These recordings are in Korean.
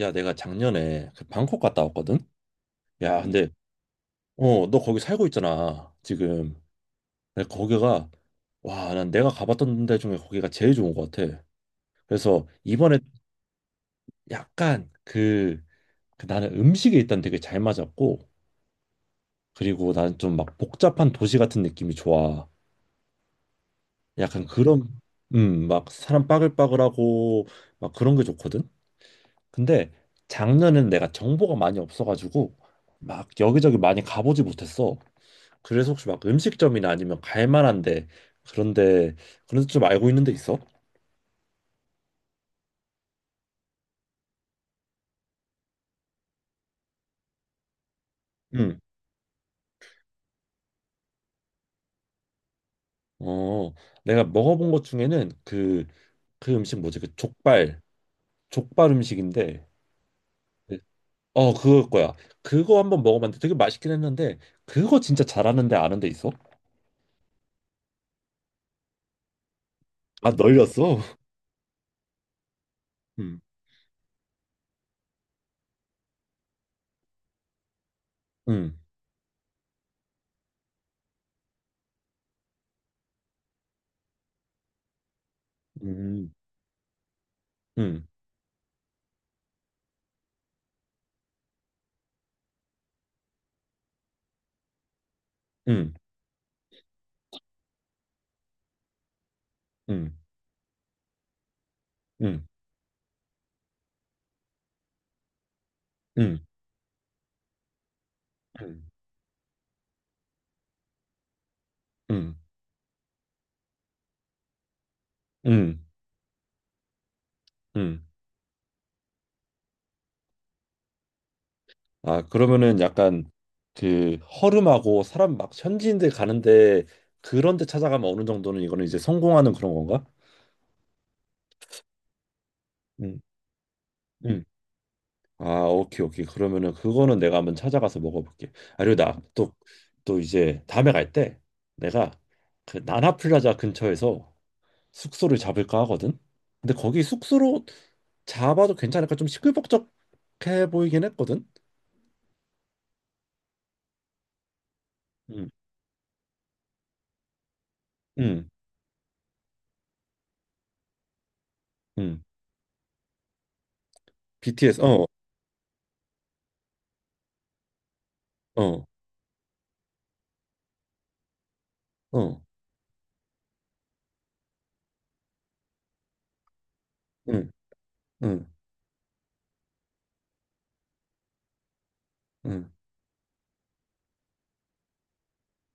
야, 내가 작년에 그 방콕 갔다 왔거든? 야, 근데, 너 거기 살고 있잖아, 지금. 근데 거기가, 와, 난 내가 가봤던 데 중에 거기가 제일 좋은 것 같아. 그래서 이번에 약간 그, 그 나는 식이 일단 되게 잘 맞았고, 그리고 나는 좀 막 복잡한 도시 같은 느낌이 좋아. 약간 그런, 막 사람 빠글빠글하고, 막 그런 게 좋거든? 근데 작년엔 내가 정보가 많이 없어가지고, 막 여기저기 많이 가보지 못했어. 그래서 혹시 막 음식점이나 아니면 갈 만한데 그런데 그런 데좀 알고 있는 데 있어? 응. 어, 내가 먹어본 것 중에는 그 음식 뭐지? 그 족발 족발 음식인데 네. 어 그거 거야. 그거 한번 먹어봤는데 되게 맛있긴 했는데 그거 진짜 잘하는데 아는 데 있어? 아, 널렸어? 응. 응. 응. 응. 응. 응. 응. 응. 응. 응. 응. 아, 그러면은 약간 그 허름하고 사람 막 현지인들 가는데 그런 데 찾아가면 어느 정도는 이거는 이제 성공하는 그런 건가? 응, 응. 아, 오케이, 오케이. 그러면은 그거는 내가 한번 찾아가서 먹어볼게. 아, 그리고 나 또, 또 이제 다음에 갈 때 내가 그 나나플라자 근처에서 숙소를 잡을까 하거든? 근데 거기 숙소로 잡아도 괜찮을까? 좀 시끌벅적해 보이긴 했거든? 응, 응, 응. BTS, 어, 어, 어. 응. 응. 응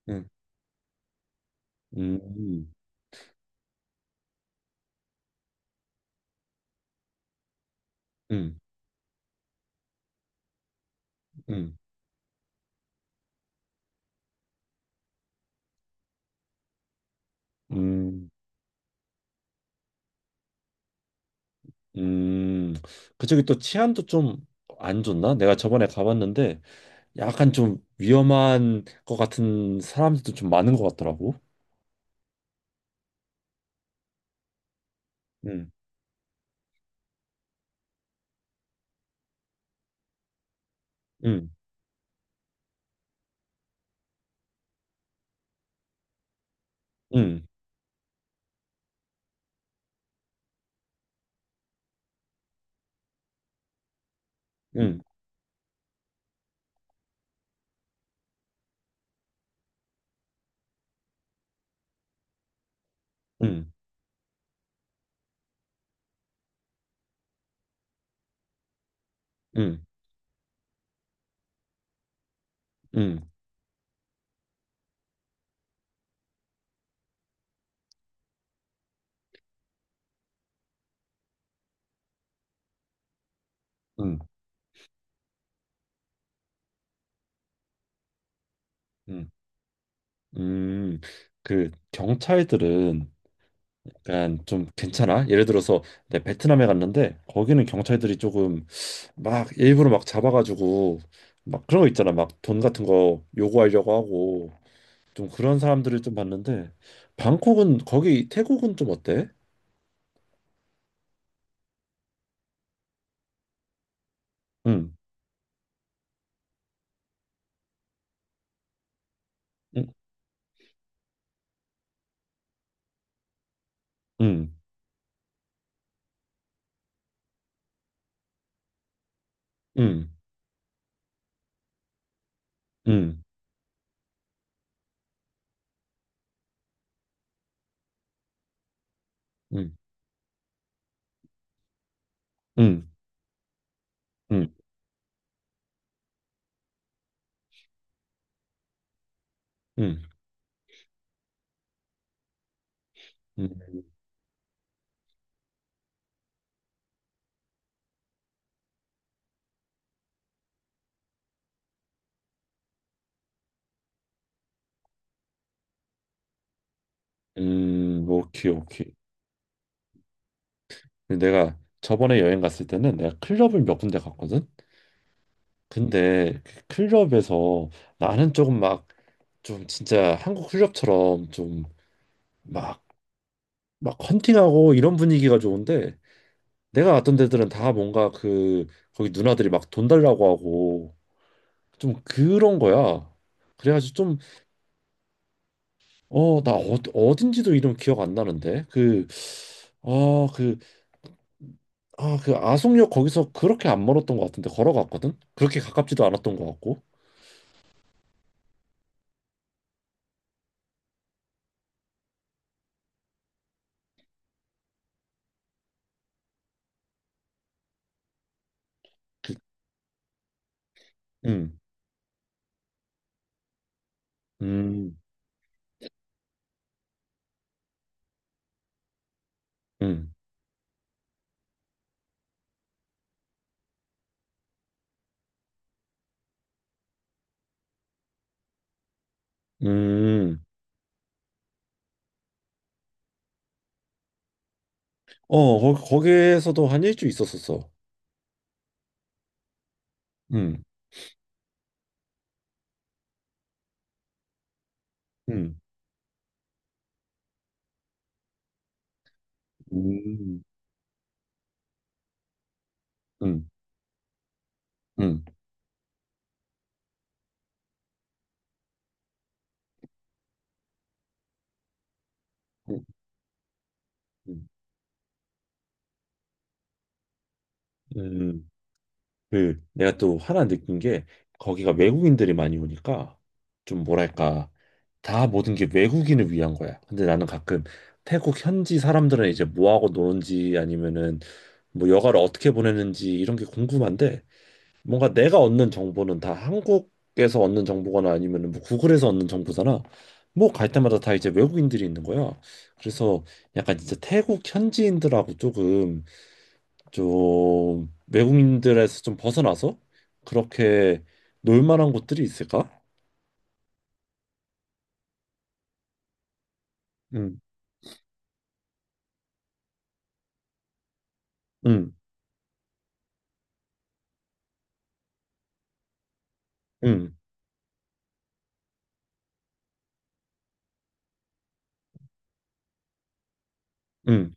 응 음, 음, 음, 음, 음. 그쪽이 또 치안도 좀 안 좋나? 내가 저번에 가봤는데 약간 좀 위험한 것 같은 사람들도 좀 많은 것 같더라고. 응 응 응 응 응 응 응 응 응 음. 그 경찰들은 약간 좀 괜찮아? 예를 들어서 내 베트남에 갔는데 거기는 경찰들이 조금 막 일부러 막 잡아가지고 막 그런 거 있잖아. 막 돈 같은 거 요구하려고 하고 좀 그런 사람들을 좀 봤는데 방콕은 거기 태국은 좀 어때? 응, 응, 응, 응, 응, 응, 응, 응, 응, 응, 오케이, 오케이. 내가 저번에 여행 갔을 때는 내가 클럽을 몇 군데 갔거든. 근데 그 클럽에서 나는 조금 막 좀 진짜 한국 클럽처럼 좀 막 막 헌팅하고 이런 분위기가 좋은데 내가 갔던 데들은 다 뭔가 그 거기 누나들이 막 돈 달라고 하고 좀 그런 거야. 그래가지고 좀 어딘지도 이름 기억 안 나는데 아 그 그 아속역 거기서 그렇게 안 멀었던 것 같은데 걸어갔거든. 그렇게 가깝지도 않았던 것 같고. 그, 음, 음, 음, 음. 어 거, 거기에서도 한 1주일 있었었어. 음, 음, 음, 음, 음, 음, 음, 음. 그 내가 또 하나 느낀 게 거기가 외국인들이 많이 오니까 좀 뭐랄까 다 모든 게 외국인을 위한 거야. 근데 나는 가끔 태국 현지 사람들은 이제 뭐하고 노는지 아니면은 뭐 여가를 어떻게 보내는지 이런 게 궁금한데 뭔가 내가 얻는 정보는 다 한국에서 얻는 정보거나 아니면은 뭐 구글에서 얻는 정보잖아. 뭐 갈 때마다 다 이제 외국인들이 있는 거야. 그래서 약간 진짜 태국 현지인들하고 조금 좀 외국인들에서 좀 벗어나서 그렇게 놀 만한 곳들이 있을까? 응, 응, 응, 응,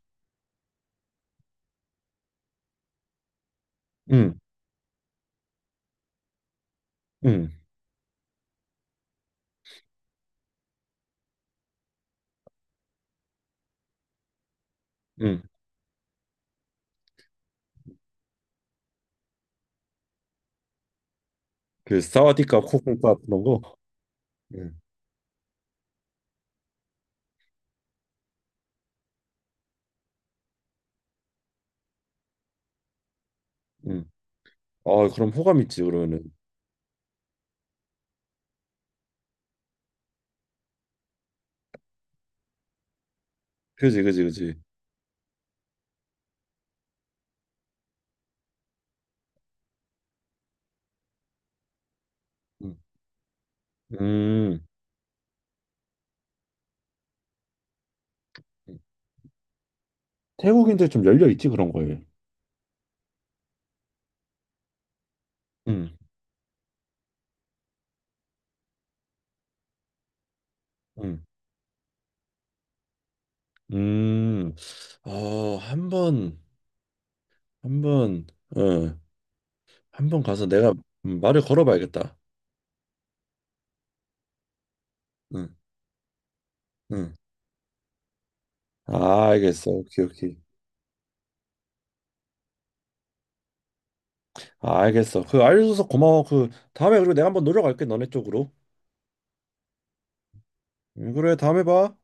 응, 응, 응. 그 사와디카 코코카 그런 거. 응, 응. 아 그럼 호감 있지 그러면은. 그지 그지 그지. 응. 음. 태국인들 좀 열려 있지 그런 거에. 응, 응, 음. 어, 한번 한번 어, 한번 가서 내가 말을 걸어봐야겠다. 응, 응. 아, 알겠어. 오케이, 오케이. 아, 알겠어. 그 알려줘서 고마워. 그 다음에 그리고 내가 한번 노력할게 너네 쪽으로. 그래 다음에 봐.